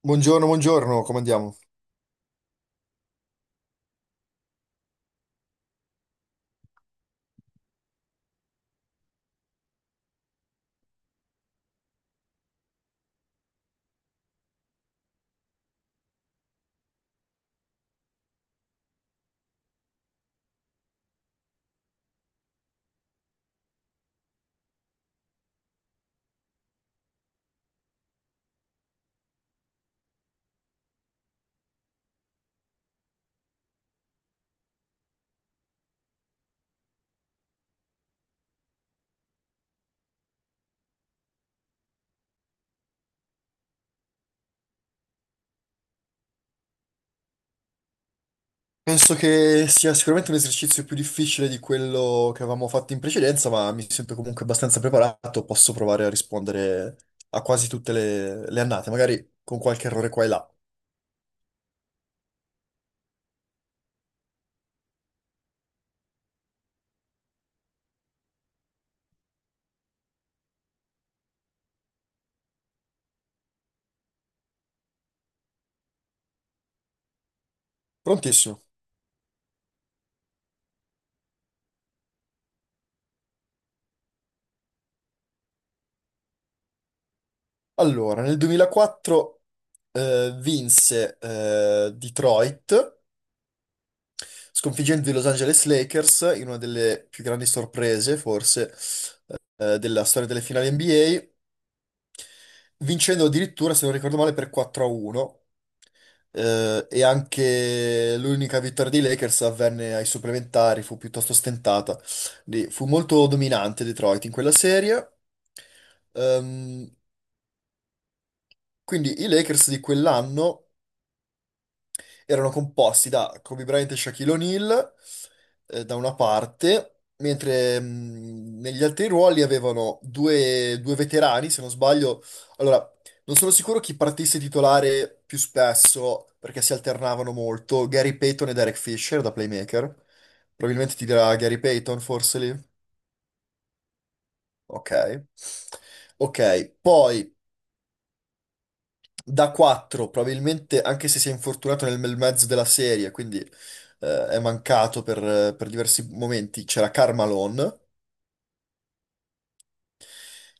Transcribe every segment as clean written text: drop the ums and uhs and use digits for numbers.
Buongiorno, buongiorno, come andiamo? Penso che sia sicuramente un esercizio più difficile di quello che avevamo fatto in precedenza, ma mi sento comunque abbastanza preparato, posso provare a rispondere a quasi tutte le annate, magari con qualche errore qua e là. Prontissimo. Allora, nel 2004 vinse Detroit, sconfiggendo i Los Angeles Lakers in una delle più grandi sorprese, forse, della storia delle finali NBA, vincendo addirittura, se non ricordo male, per 4-1. E anche l'unica vittoria dei Lakers avvenne ai supplementari, fu piuttosto stentata. Quindi fu molto dominante Detroit in quella serie. Ehm, quindi i Lakers di quell'anno erano composti da Kobe Bryant e Shaquille O'Neal, da una parte, mentre negli altri ruoli avevano due veterani, se non sbaglio. Allora, non sono sicuro chi partisse titolare più spesso, perché si alternavano molto, Gary Payton e Derek Fisher da playmaker. Probabilmente ti dirà Gary Payton, forse lì. Ok. Ok, poi da 4, probabilmente anche se si è infortunato nel bel mezzo della serie, quindi è mancato per diversi momenti, c'era Carmalone.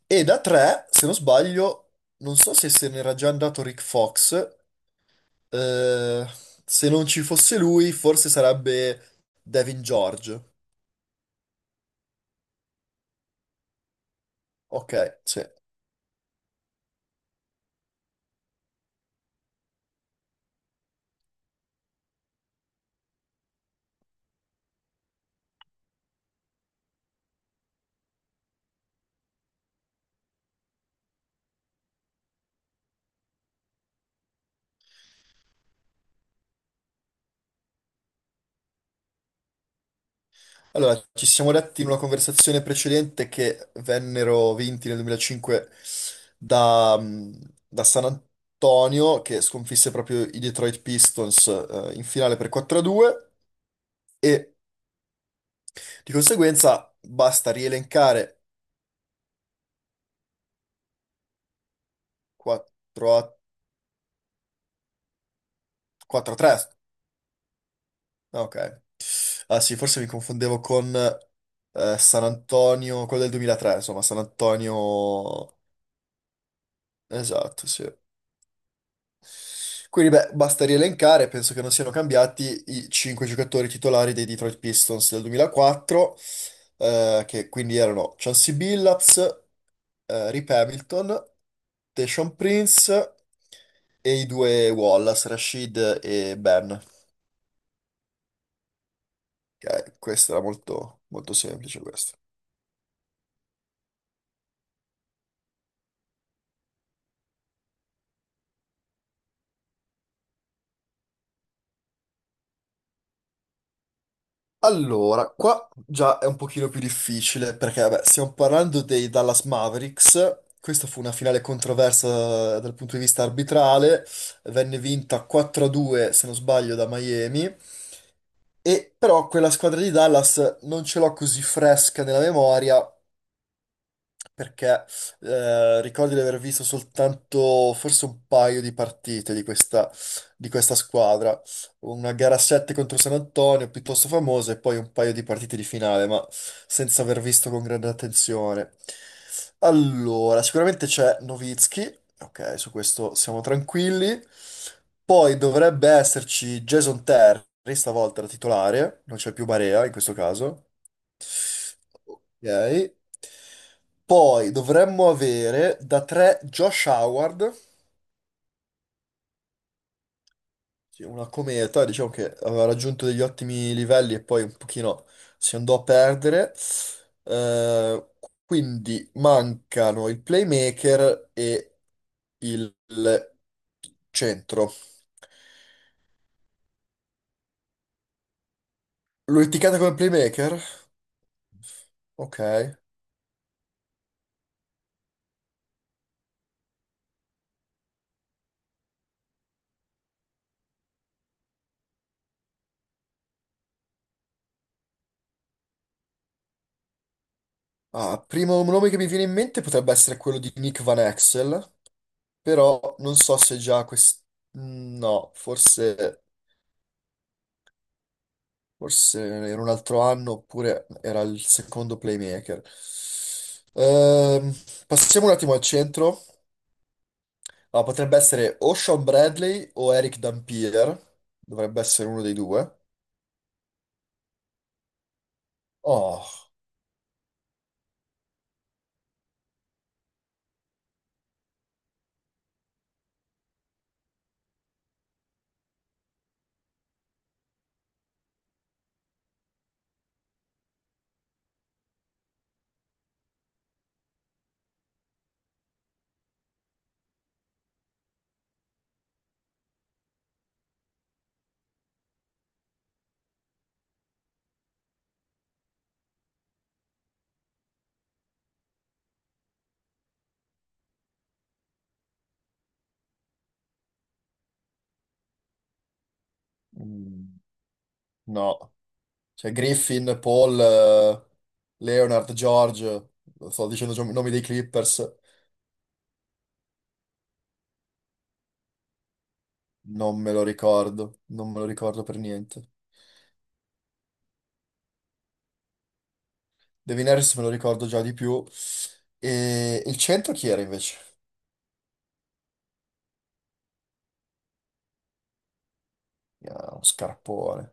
E da 3, se non sbaglio, non so se se n'era già andato Rick Fox, eh, se non ci fosse lui forse sarebbe Devin George. Ok, sì. Allora, ci siamo detti in una conversazione precedente che vennero vinti nel 2005 da, mh, da San Antonio, che sconfisse proprio i Detroit Pistons, in finale per 4-2 e di conseguenza basta rielencare 4 4-3. Ah, Ok. Ah sì, forse mi confondevo con San Antonio, quello del 2003, insomma, San Antonio. Esatto, sì. Quindi, beh, basta rielencare, penso che non siano cambiati i cinque giocatori titolari dei Detroit Pistons del 2004, che quindi erano Chauncey Billups, Rip Hamilton, Tayshaun Prince e i due Wallace, Rashid e Ben. Ok, questa era molto, molto semplice questa. Allora, qua già è un pochino più difficile perché vabbè, stiamo parlando dei Dallas Mavericks. Questa fu una finale controversa dal punto di vista arbitrale, venne vinta 4-2 se non sbaglio da Miami, e però quella squadra di Dallas non ce l'ho così fresca nella memoria perché ricordo di aver visto soltanto forse un paio di partite di questa squadra, una gara 7 contro San Antonio piuttosto famosa e poi un paio di partite di finale, ma senza aver visto con grande attenzione. Allora, sicuramente c'è Nowitzki, ok, su questo siamo tranquilli. Poi dovrebbe esserci Jason Terry, stavolta da titolare, non c'è più Barea in questo caso. Ok. Poi dovremmo avere da 3 Josh Howard, che è una cometa, diciamo che aveva raggiunto degli ottimi livelli e poi un pochino si andò a perdere. Eh, quindi mancano il playmaker e il centro. L'ho etichetta come playmaker? Ok. Ah, primo nome che mi viene in mente potrebbe essere quello di Nick Van Exel, però non so se già questo. No, forse. Forse era un altro anno, oppure era il secondo playmaker. Ehm, Passiamo un attimo al centro. Ah, potrebbe essere o Sean Bradley o Eric Dampier. Dovrebbe essere uno dei due. Oh, mm, no. Cioè Griffin, Paul, Leonard, George. Sto dicendo i nomi dei Clippers. Non me lo ricordo. Non me lo ricordo per niente. Devin Harris me lo ricordo già di più. E il centro chi era invece? Uno scarpone.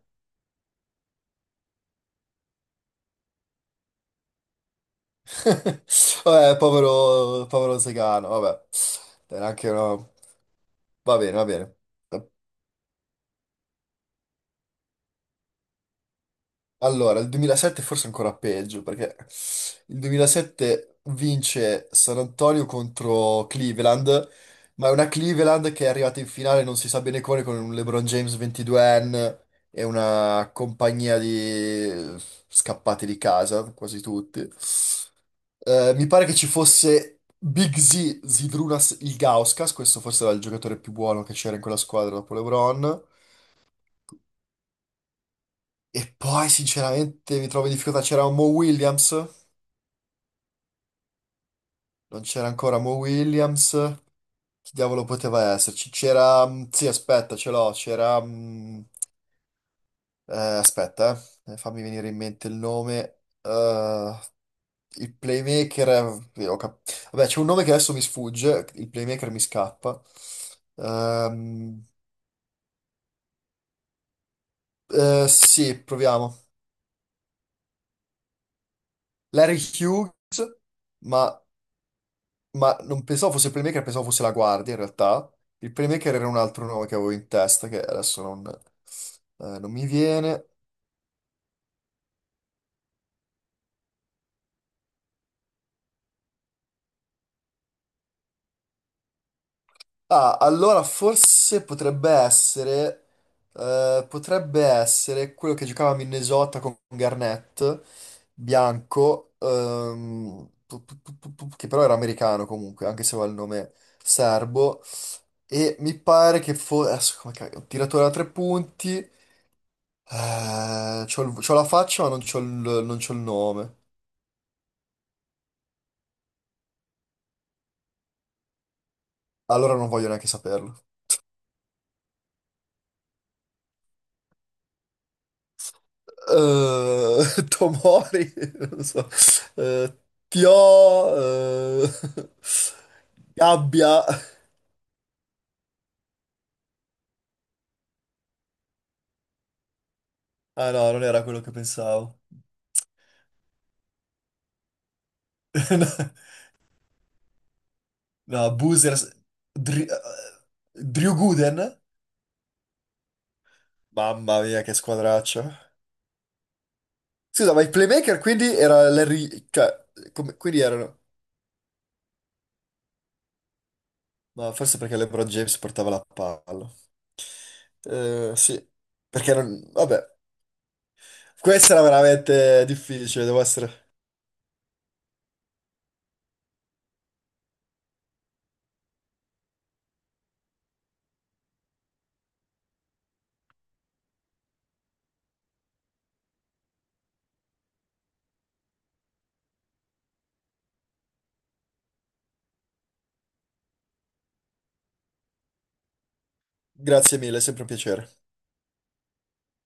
Vabbè, povero, povero Zegano, vabbè. Era anche una- Va bene, va bene. Allora, il 2007 forse è ancora peggio, perché il 2007 vince San Antonio contro Cleveland, ma è una Cleveland che è arrivata in finale non si sa bene come, con un LeBron James 22enne e una compagnia di scappati di casa, quasi tutti. Mi pare che ci fosse Big Z, Zydrunas Ilgauskas, questo forse era il giocatore più buono che c'era in quella squadra dopo LeBron. E poi sinceramente mi trovo in difficoltà, c'era Mo Williams, non c'era ancora Mo Williams, chi diavolo poteva esserci? C'era, sì aspetta, ce l'ho, c'era, aspetta, fammi venire in mente il nome. Il playmaker, vabbè, c'è un nome che adesso mi sfugge, il playmaker mi scappa. Ehm, sì, proviamo. Larry Hughes, ma, ma non pensavo fosse il playmaker, pensavo fosse la guardia in realtà. Il playmaker era un altro nome che avevo in testa, che adesso non mi viene. Ah, allora forse potrebbe essere quello che giocava a Minnesota con Garnett, bianco, che però era americano comunque, anche se aveva il nome serbo. E mi pare che fosse. Adesso, come cavolo, un tiratore a tre punti. C'ho la faccia, ma non c'ho il nome. Allora non voglio neanche saperlo. Tomori, non so. Eh, Tio, eh, Gabbia. Ah no, non era quello che pensavo. No, Boozers. Dri- eh, Drew Gooden? Mamma mia, che squadraccio. Scusa, ma il playmaker quindi era Larry. Cioè, quindi erano. No, forse perché LeBron James portava la palla. Sì, perché non. Vabbè, questa era veramente difficile, devo essere. Grazie mille, è sempre un piacere.